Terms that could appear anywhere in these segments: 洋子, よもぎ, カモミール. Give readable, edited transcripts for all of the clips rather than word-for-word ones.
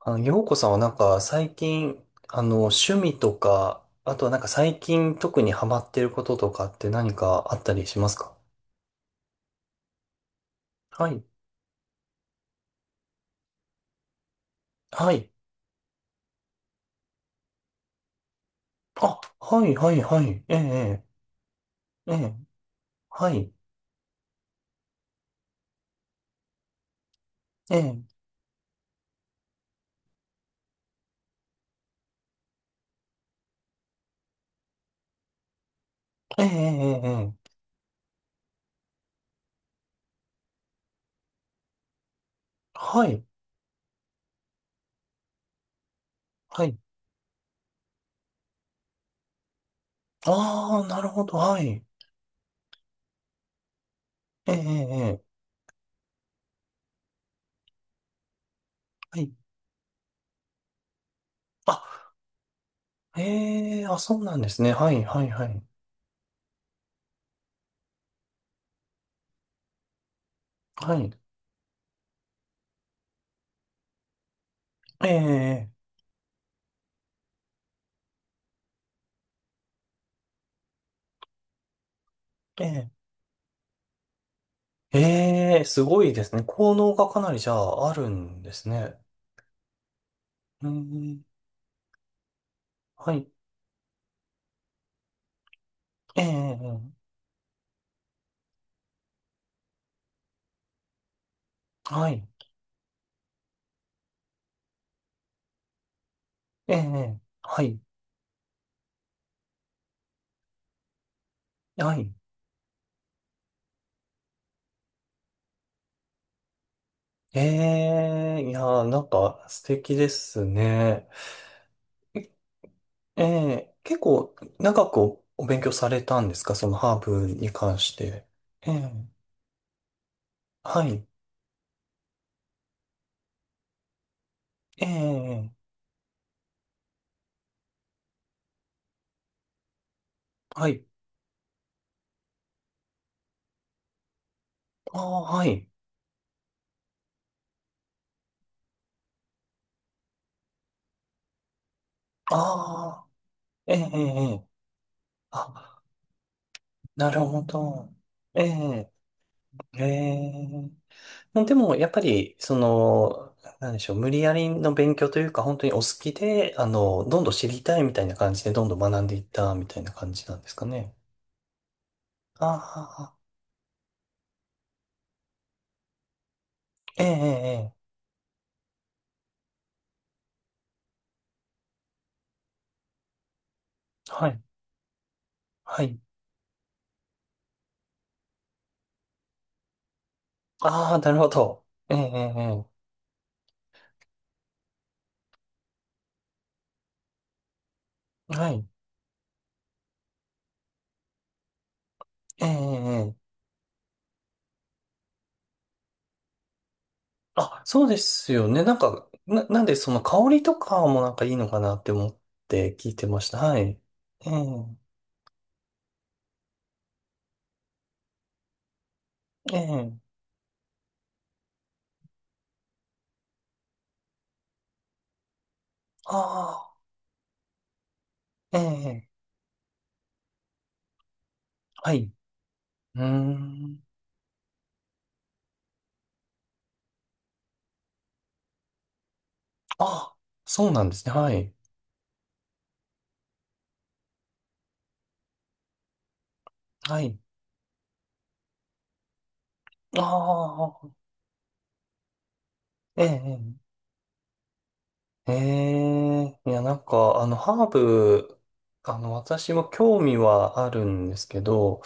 洋子さんはなんか最近、趣味とか、あとはなんか最近特にハマってることとかって何かあったりしますか？はい。はい。あ、はい、はい、はい。ええ、ええ、ええ。はい。ええ、ええ、ええ、ええ。はい。はい。ああ、なるほど。はい。ええ、ええ、ええ。はい。あ、ええ、あ、そうなんですね。はい、はい、はい。はい。ええ、ええ、ええ、ええ、すごいですね。効能がかなりじゃああるんですね。うーん。はい。ええ、はい。ええ、はい。はい。ええ、いやー、なんか素敵ですね。えええ、結構長くお勉強されたんですか、そのハーブに関して？ええ、はい。ええ、はい。ああ、はい。ああ、ええ、ええ、あ、なるほど。ええ、ええ。でも、やっぱり、その、なんでしょう、無理やりの勉強というか、本当にお好きで、どんどん知りたいみたいな感じで、どんどん学んでいったみたいな感じなんですかね。ああ、ええ、ええ、ええ、はい、はい。ああ、なるほど。ええ、ええ、ええ、はい、ええ、ええ。ええ、あ、そうですよね。なんか、なんで、その香りとかもなんかいいのかなって思って聞いてました。はい。ええ、ええ、ああ、ええ、はい。うーん。あ、そうなんですね。はい。はい。ああ、ええ、ええ。ええ、いや、なんか、ハーブ、私も興味はあるんですけど、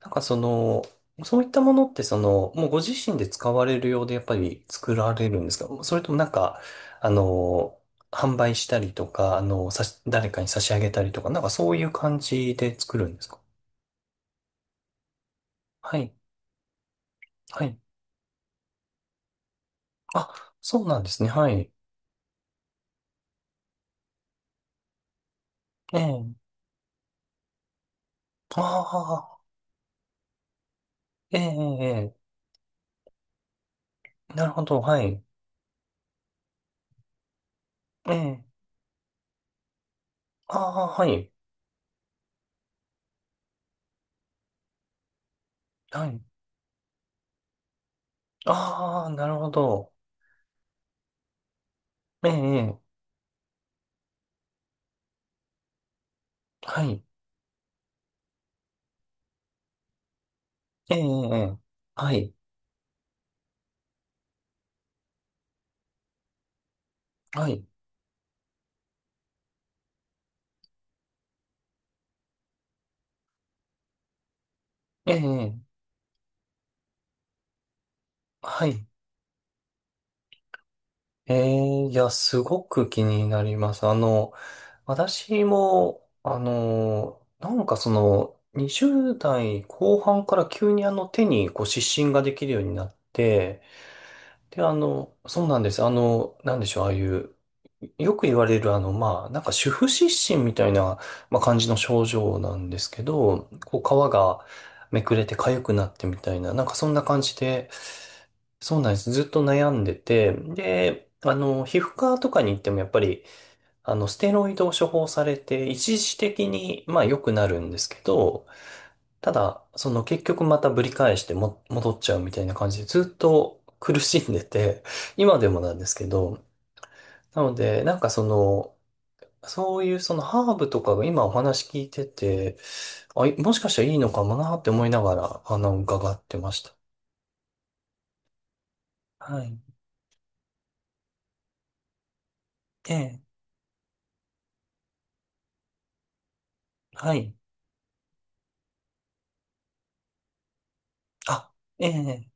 なんかその、そういったものって、その、もうご自身で使われるようで、やっぱり作られるんですか、それともなんか、あの、販売したりとか、誰かに差し上げたりとか、なんかそういう感じで作るんですか？はい。はい。あ、そうなんですね。はい。ええ。ああ。ええ、ええ、ええ、なるほど、はい。ええ、ああ、はい、はい。ああ、なるほど。ええ、ええ、はい。ええ、ええ、はい、はい。ええ、ええ、はい。ええ、いや、すごく気になります。私も、なんかその、20代後半から急に手にこう湿疹ができるようになって、で、そうなんです。なんでしょう、ああいう、よく言われる、まあ、なんか主婦失神みたいな、まあ、感じの症状なんですけど、こう、皮がめくれて痒くなってみたいな、なんかそんな感じで、そうなんです。ずっと悩んでて、で、皮膚科とかに行ってもやっぱり、ステロイドを処方されて、一時的に、まあ、良くなるんですけど、ただ、その結局またぶり返しても戻っちゃうみたいな感じでずっと苦しんでて、今でもなんですけど、なので、なんかその、そういうそのハーブとかが今お話聞いてて、あ、もしかしたらいいのかもなって思いながら、伺ってました。はい。ええ、はい。あ、ええ、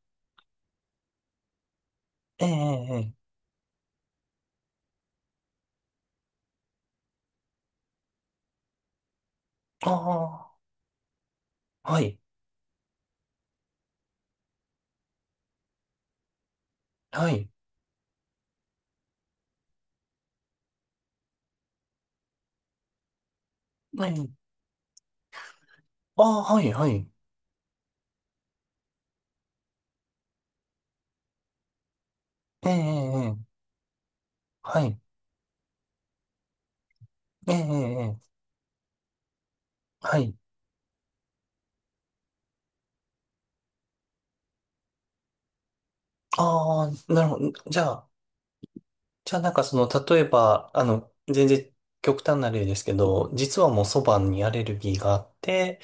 ええ、ええ、ええ、ああ、はい、はい、ええ、ああ、はい、はい、ええ、ええ、ええ、はい、ええ、ええ、ええ、はい。ああ、なるほど。じゃあ、なんかその、例えば、全然極端な例ですけど、実はもう蕎麦にアレルギーがあって、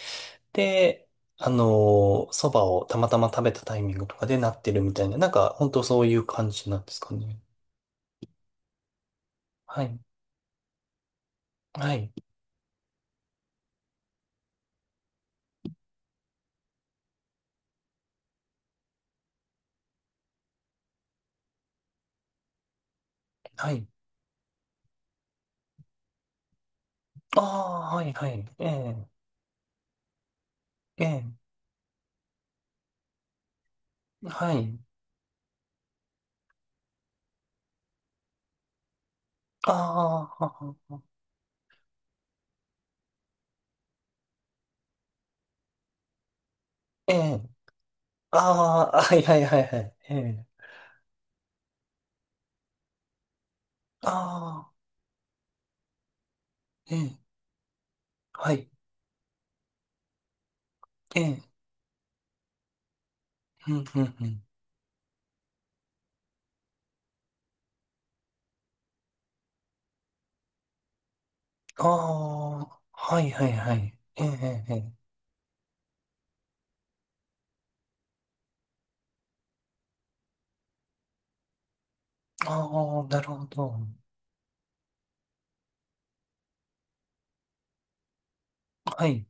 で、蕎麦をたまたま食べたタイミングとかでなってるみたいな、なんか本当そういう感じなんですかね。はい。はい。はい。ああ、はい、はい。ええ、ええ、はい。ああ、はは、ええ、ああ、はい、はい、はい、はい。ええ、ああ、ええ、はい。ええ、うん、うん、うん。ああ、はいはいはい。ええ、ええ、ええ、ああ、なるほど。はい。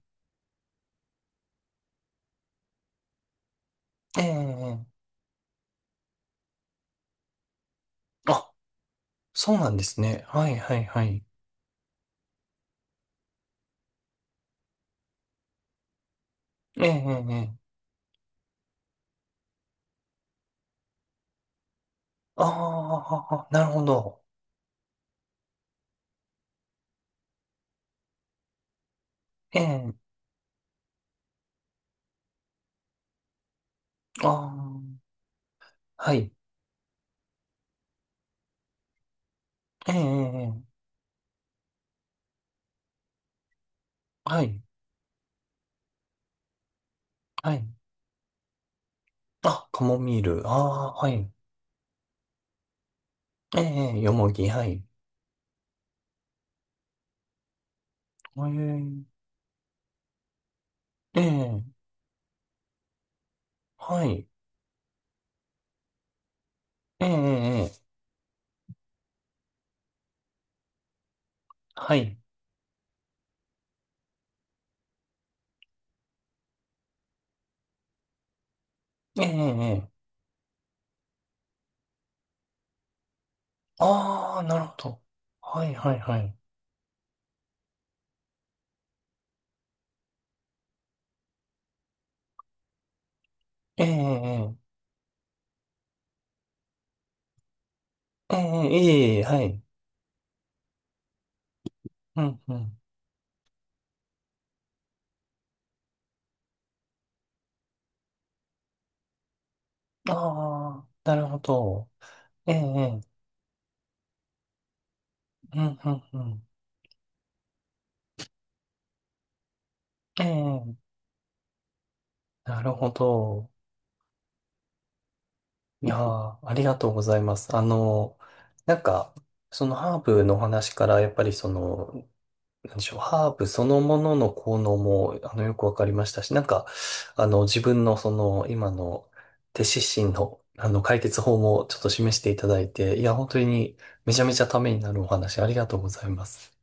ええ、ええ。あ、そうなんですね。はいはいはい。ええ、ええ、ええ、ああ、なるほど。ええ、ああ、はい。ええ、ええ、ええ、はい、はい。あ、カモミール。ああ、はい。ええ、ええ、よもぎ、はい。ええ、ええ、はい。ええ、ええ、ええ、はい。ええ、ええ、ああ、なるほど。はいはいはい。ええ、ええ、ええ、ええ、はい。うん、うん。ああ、なるほど。ええ、ええ、うん、うん、うん。ええ、なるほど。いやー、ありがとうございます。なんか、そのハーブの話から、やっぱりその、なんでしょう、ハーブそのものの効能も、よくわかりましたし、なんか、自分のその、今の、手指針の、解決法もちょっと示していただいて、いや、本当に、めちゃめちゃためになるお話、ありがとうございます。